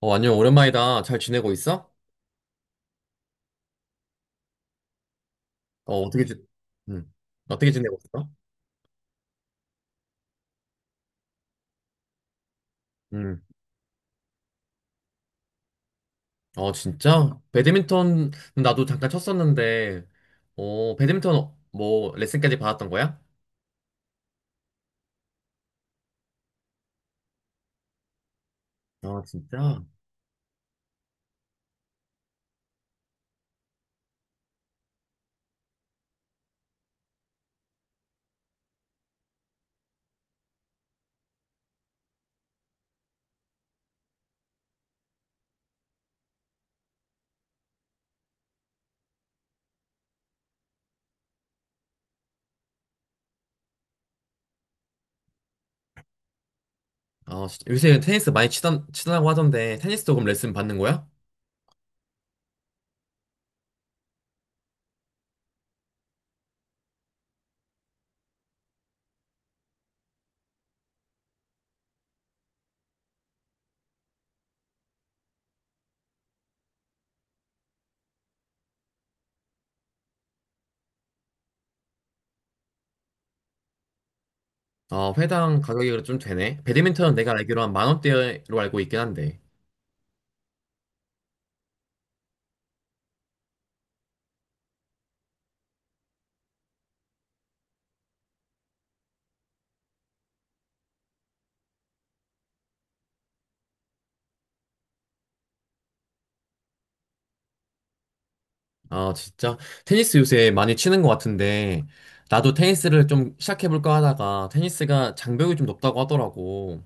안녕, 오랜만이다. 잘 지내고 있어? 어, 어떻게 지, 음, 어떻게 지내고 있어? 음, 진짜? 배드민턴, 나도 잠깐 쳤었는데, 배드민턴, 뭐, 레슨까지 받았던 거야? 아, 진짜? 아, 진짜. 요새 테니스 많이 치더라고 하던데, 테니스도 그럼 레슨 받는 거야? 아, 회당 가격이 좀 되네. 배드민턴은 내가 알기로 한 만 원대로 알고 있긴 한데. 아, 진짜? 테니스 요새 많이 치는 것 같은데, 나도 테니스를 좀 시작해볼까 하다가, 테니스가 장벽이 좀 높다고 하더라고.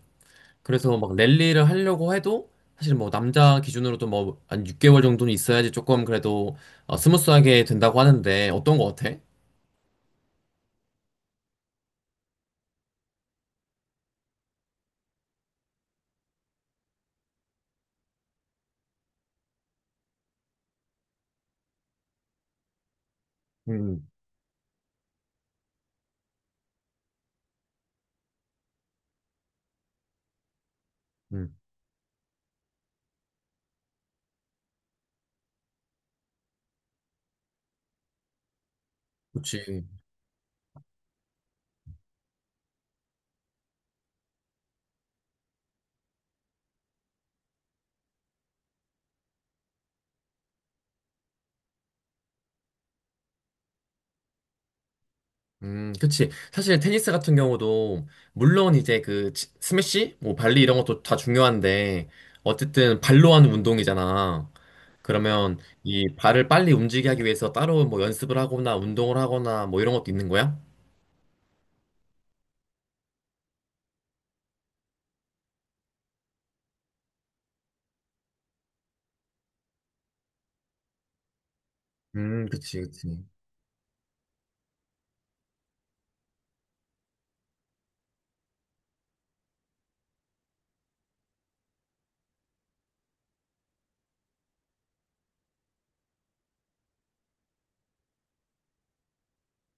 그래서 막 랠리를 하려고 해도, 사실 뭐 남자 기준으로도 뭐 한 6개월 정도는 있어야지 조금 그래도 스무스하게 된다고 하는데, 어떤 거 같아? 음, 음, 그치. 그치. 사실 테니스 같은 경우도, 물론 이제 그 스매시? 뭐 발리 이런 것도 다 중요한데, 어쨌든 발로 하는 운동이잖아. 그러면 이 발을 빨리 움직이게 하기 위해서 따로 뭐 연습을 하거나 운동을 하거나 뭐 이런 것도 있는 거야? 그치, 그치.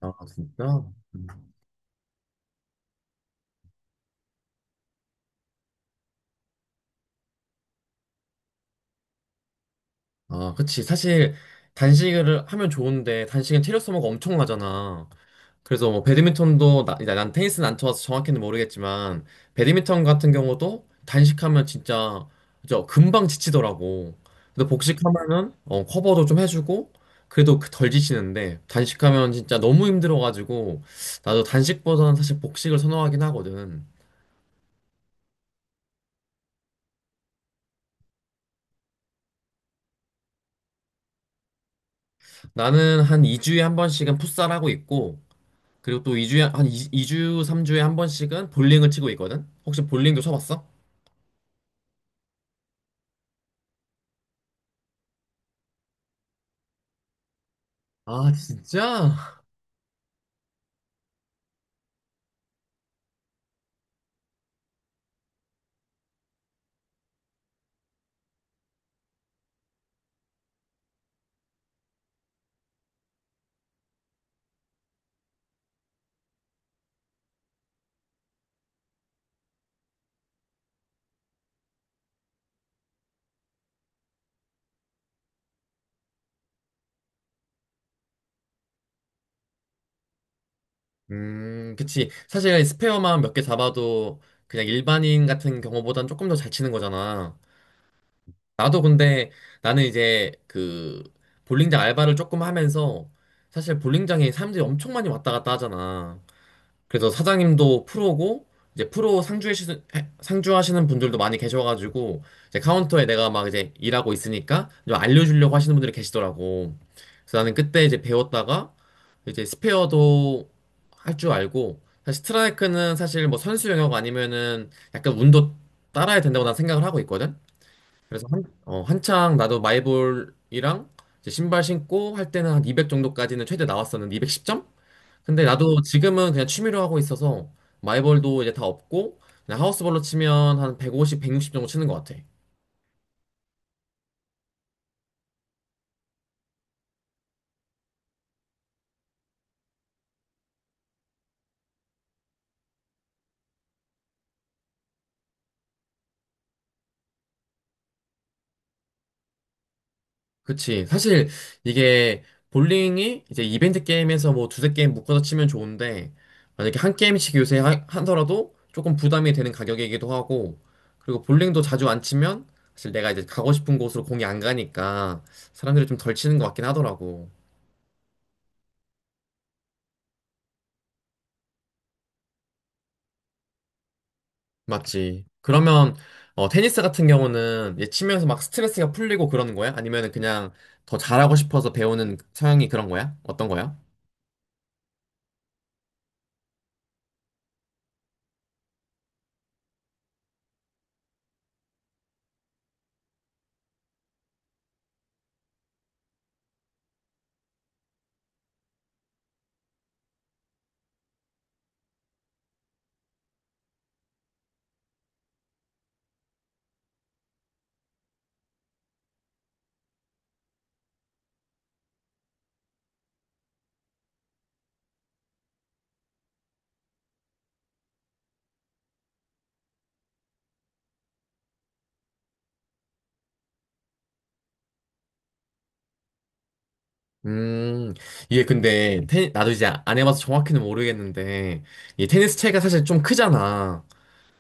아, 진짜? 음. 아, 그치. 사실 단식을 하면 좋은데 단식은 체력 소모가 엄청나잖아. 그래서 뭐 배드민턴도 난 테니스는 안 쳐서 정확히는 모르겠지만 배드민턴 같은 경우도 단식하면 진짜 저 금방 지치더라고. 근데 복식하면은 커버도 좀 해주고 그래도 그덜 지치는데 단식하면 진짜 너무 힘들어가지고 나도 단식보다는 사실 복식을 선호하긴 하거든. 나는 한 2주에 한 번씩은 풋살하고 있고 그리고 또 2주에 한 2, 주 3주에 한 번씩은 볼링을 치고 있거든. 혹시 볼링도 쳐봤어? 아, 진짜? 그치. 사실 스페어만 몇 개 잡아도 그냥 일반인 같은 경우보단 조금 더 잘 치는 거잖아. 나도 근데 나는 이제 그 볼링장 알바를 조금 하면서 사실 볼링장에 사람들이 엄청 많이 왔다 갔다 하잖아. 그래서 사장님도 프로고 이제 프로 상주하시는 분들도 많이 계셔가지고 이제 카운터에 내가 막 이제 일하고 있으니까 좀 알려주려고 하시는 분들이 계시더라고. 그래서 나는 그때 이제 배웠다가 이제 스페어도 할 줄 알고 사실 스트라이크는 사실 뭐 선수 영역 아니면은 약간 운도 따라야 된다고 난 생각을 하고 있거든. 그래서 한창 나도 마이볼이랑 이제 신발 신고 할 때는 한 200 정도까지는 최대 나왔었는데 210점? 근데 나도 지금은 그냥 취미로 하고 있어서 마이벌도 이제 다 없고 그냥 하우스볼로 치면 한 150, 160 정도 치는 것 같아. 그치. 사실 이게 볼링이 이제 이벤트 게임에서 뭐 두세 게임 묶어서 치면 좋은데 만약에 한 게임씩 요새 하더라도 조금 부담이 되는 가격이기도 하고 그리고 볼링도 자주 안 치면 사실 내가 이제 가고 싶은 곳으로 공이 안 가니까 사람들이 좀 덜 치는 것 같긴 하더라고. 맞지. 그러면 테니스 같은 경우는 이제 치면서 막 스트레스가 풀리고 그러는 거야? 아니면 그냥 더 잘하고 싶어서 배우는 성향이 그런 거야? 어떤 거야? 음, 이게 근데 테 나도 이제 안 해봐서 정확히는 모르겠는데 이 테니스 채가 사실 좀 크잖아.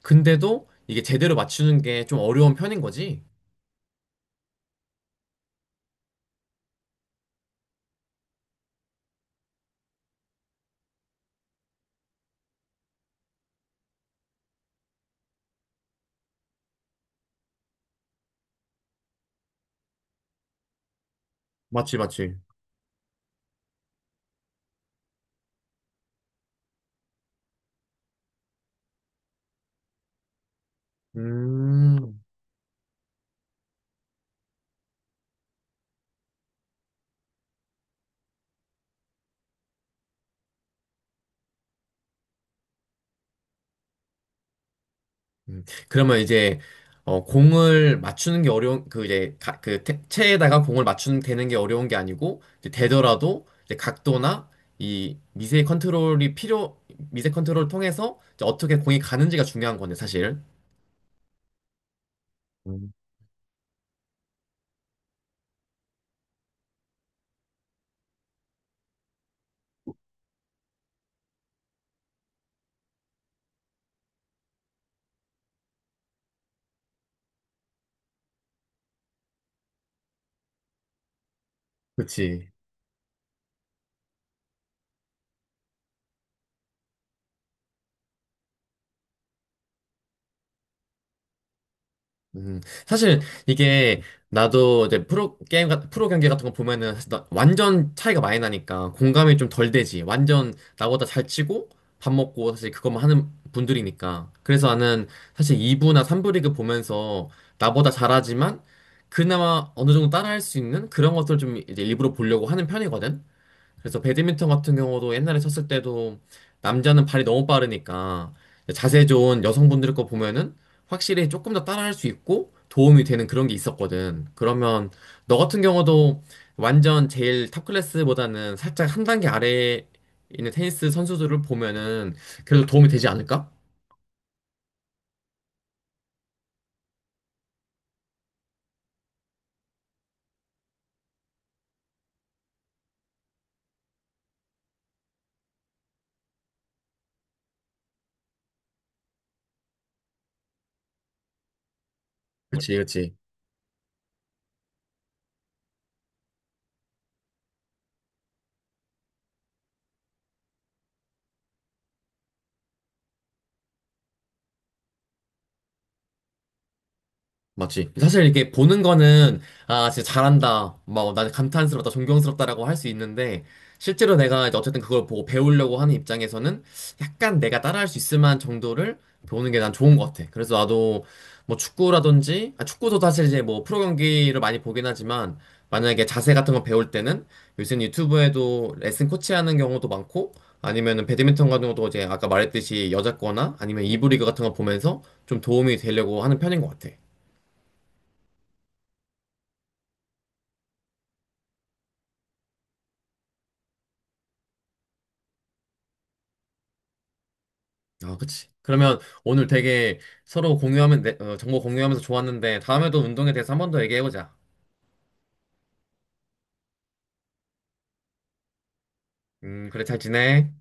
근데도 이게 제대로 맞추는 게 좀 어려운 편인 거지? 맞지, 맞지. 음, 음, 그러면 이제 공을 맞추는 게 어려운 그 이제 그 체에다가 공을 맞추는 되는 게 어려운 게 아니고 이제 되더라도 이제 각도나 이 미세 컨트롤이 필요 미세 컨트롤을 통해서 이제 어떻게 공이 가는지가 중요한 거네 사실. 음. 그치. 사실 이게 나도 이제 프로 경기 같은 거 보면은 사실 완전 차이가 많이 나니까 공감이 좀 덜 되지. 완전 나보다 잘 치고 밥 먹고 사실 그것만 하는 분들이니까. 그래서 나는 사실 2부나 3부 리그 보면서 나보다 잘하지만 그나마 어느 정도 따라할 수 있는 그런 것들 좀 이제 일부러 보려고 하는 편이거든. 그래서 배드민턴 같은 경우도 옛날에 쳤을 때도 남자는 발이 너무 빠르니까 자세 좋은 여성분들 거 보면은 확실히 조금 더 따라할 수 있고 도움이 되는 그런 게 있었거든. 그러면 너 같은 경우도 완전 제일 탑 클래스보다는 살짝 한 단계 아래에 있는 테니스 선수들을 보면은 그래도 도움이 되지 않을까? 그렇지, 그렇지. 맞지. 사실 이렇게 보는 거는, 아, 진짜 잘한다. 막, 나 감탄스럽다, 존경스럽다라고 할 수 있는데, 실제로 내가 이제 어쨌든 그걸 보고 배우려고 하는 입장에서는 약간 내가 따라할 수 있을 만한 정도를 보는 게 난 좋은 것 같아. 그래서 나도 뭐 축구라든지, 아, 축구도 사실 이제 뭐 프로 경기를 많이 보긴 하지만, 만약에 자세 같은 거 배울 때는 요즘 유튜브에도 레슨 코치 하는 경우도 많고, 아니면은 배드민턴 같은 것도 이제 아까 말했듯이 여자 거나 아니면 2부 리그 같은 거 보면서 좀 도움이 되려고 하는 편인 것 같아. 아, 그치. 그러면 오늘 되게 서로 정보 공유하면서 좋았는데, 다음에도 운동에 대해서 한 번 더 얘기해보자. 그래, 잘 지내.